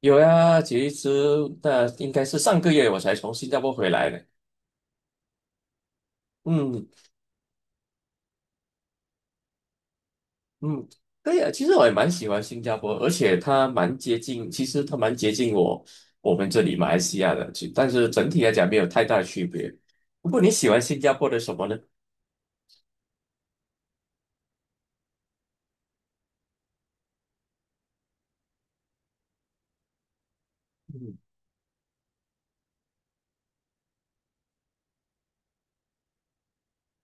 有呀，其实那应该是上个月我才从新加坡回来的。嗯嗯，对呀，其实我也蛮喜欢新加坡，而且它蛮接近，其实它蛮接近我们这里马来西亚的，但是整体来讲没有太大的区别。不过你喜欢新加坡的什么呢？嗯，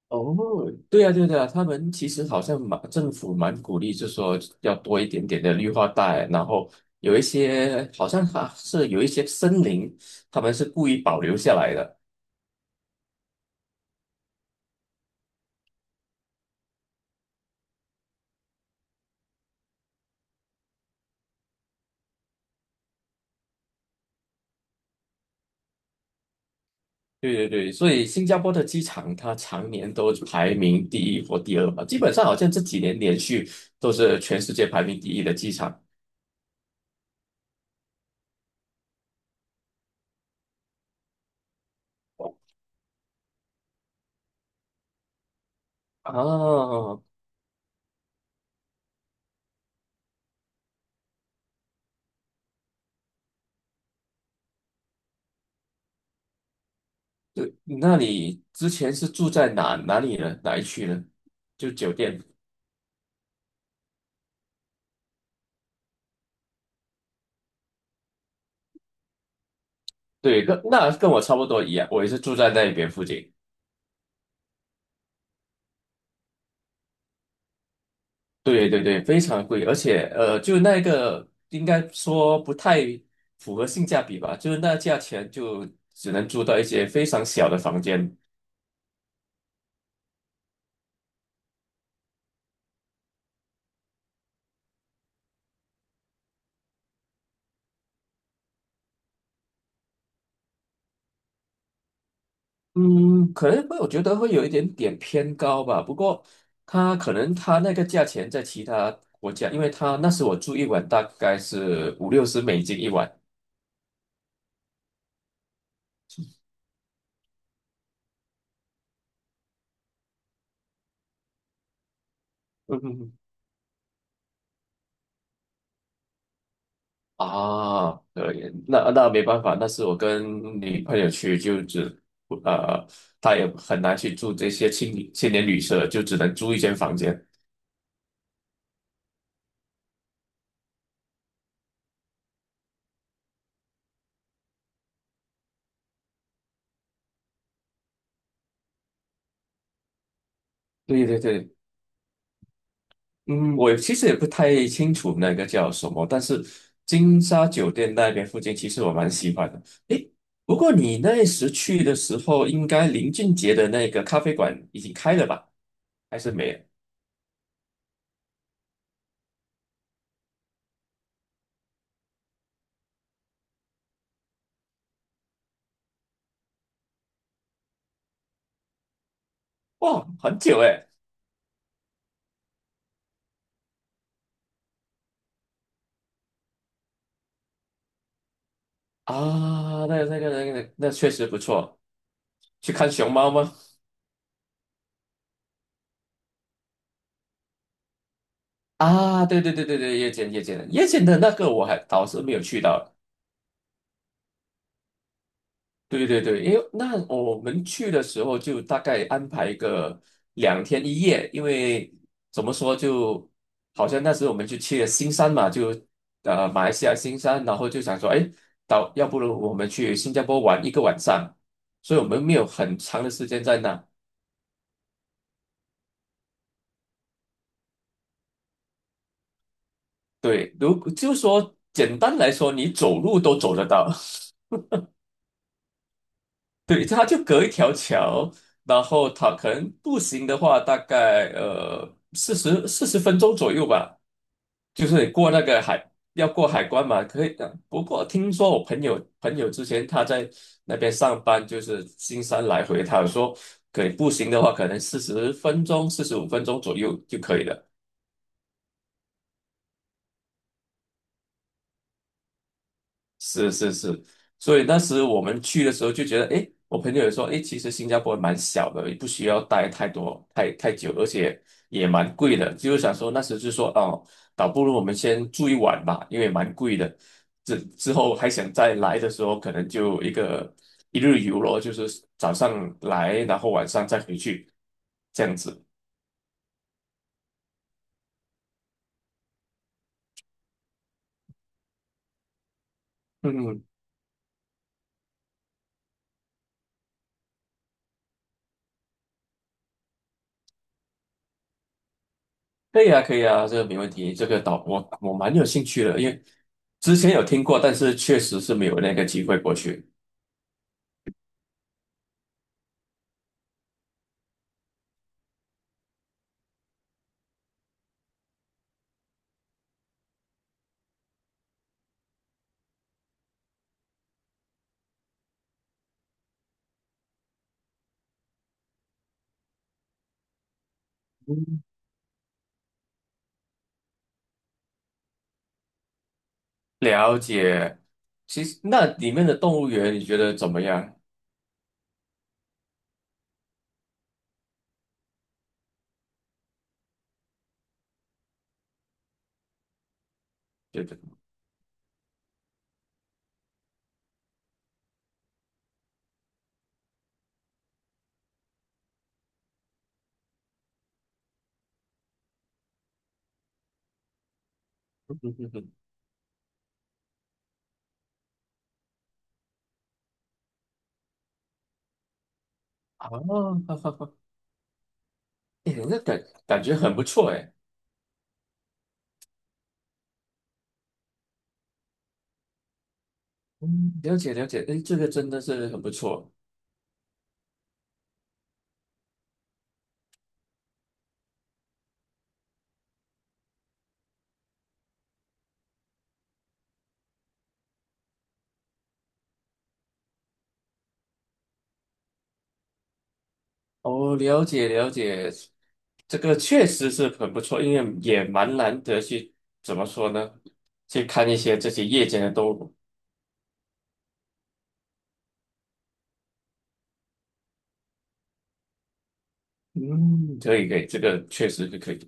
哦，对呀对呀，他们其实好像蛮政府蛮鼓励，就说要多一点点的绿化带，然后有一些好像还是有一些森林，他们是故意保留下来的。对对对，所以新加坡的机场它常年都排名第一或第二吧，基本上好像这几年连续都是全世界排名第一的机场。哦，对，那你之前是住在哪里呢？哪一区呢？就酒店。对，跟我差不多一样，我也是住在那边附近。对对对，非常贵，而且就那个应该说不太符合性价比吧，就是那价钱就只能住到一些非常小的房间。嗯，可能会，我觉得会有一点点偏高吧。不过，它可能它那个价钱在其他国家，因为它那时我住一晚大概是五六十美金一晚。嗯嗯嗯啊，对，那没办法，那是我跟女朋友去，就只呃，她也很难去住这些青年旅社，就只能租一间房间。对对对。嗯，我其实也不太清楚那个叫什么，但是金沙酒店那边附近，其实我蛮喜欢的。诶，不过你那时去的时候，应该林俊杰的那个咖啡馆已经开了吧？还是没有？哇，很久诶。啊，那确实不错。去看熊猫吗？啊，对对对对对，夜间的那个我还倒是没有去到。对对对，因为那我们去的时候就大概安排个两天一夜，因为怎么说就，好像那时候我们就去了新山嘛，就马来西亚新山，然后就想说，哎，到要不如我们去新加坡玩一个晚上，所以我们没有很长的时间在那。对，如就说简单来说，你走路都走得到，对，它就隔一条桥，然后它可能步行的话，大概四十分钟左右吧。就是过那个海，要过海关嘛，可以的。不过听说我朋友之前他在那边上班，就是新山来回，他有说可以步行的话，可能四十分钟、45分钟左右就可以了。是是是，所以那时我们去的时候就觉得，诶，我朋友也说，诶，其实新加坡蛮小的，也不需要待太多太久，而且也蛮贵的。就是想说那时就说，哦，倒不如我们先住一晚吧，因为蛮贵的。之后还想再来的时候，可能就一个一日游咯，就是早上来，然后晚上再回去，这样子。嗯嗯，可以啊，可以啊，这个没问题。这个岛我蛮有兴趣的，因为之前有听过，但是确实是没有那个机会过去。嗯了解。其实那里面的动物园你觉得怎么样？觉得啊，哎，那感觉很不错哎。嗯，了解了解，哎，这个真的是很不错哦。了解了解，这个确实是很不错，因为也蛮难得去怎么说呢？去看一些这些夜间的动物。嗯，可以可以，这个确实是可以。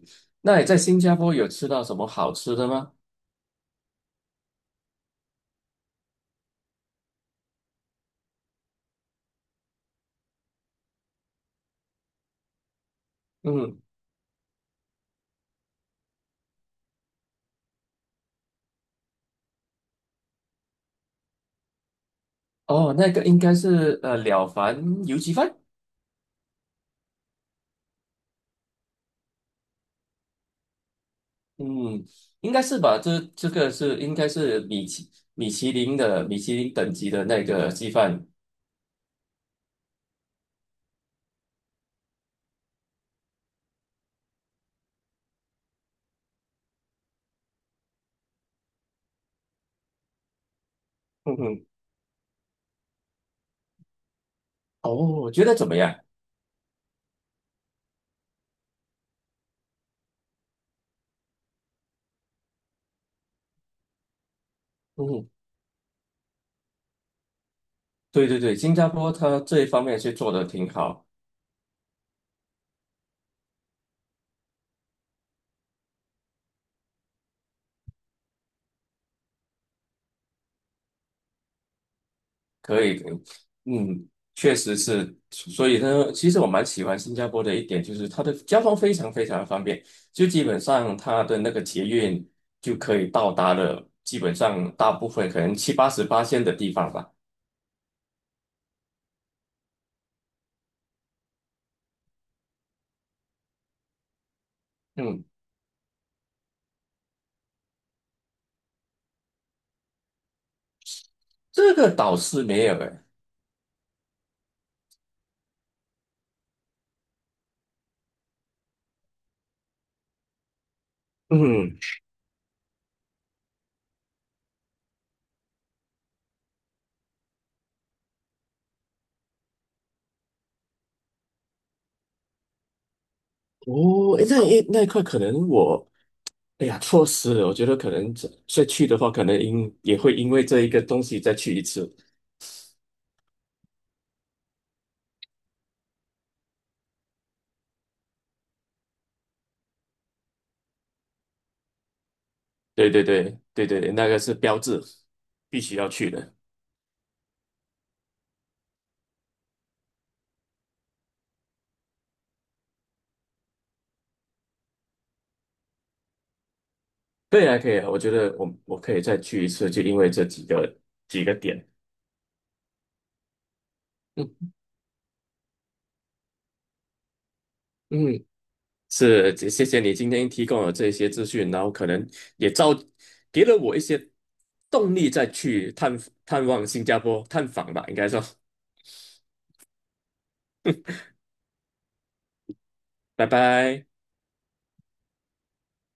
那你在新加坡有吃到什么好吃的吗？嗯，哦，那个应该是了凡油鸡饭。嗯，应该是吧？这个是应该是米其林的米其林等级的那个鸡饭。嗯哼，哦，我觉得怎么样？嗯，对对对，新加坡它这一方面是做的挺好。可以，可以，嗯，确实是，所以呢，其实我蛮喜欢新加坡的一点就是它的交通非常非常方便，就基本上它的那个捷运就可以到达了，基本上大部分可能七八十八线的地方吧。嗯，这个倒是没有诶。嗯，哦，诶那一块可能我，哎呀，错失了。我觉得可能这再去的话，可能也会因为这一个东西再去一次。对对对对对对，那个是标志，必须要去的。对以啊，可以啊，我觉得我可以再去一次，就因为这几个点。嗯嗯，是，谢谢你今天提供了这些资讯，然后可能也造给了我一些动力再去探望新加坡探访吧，应该说，拜拜。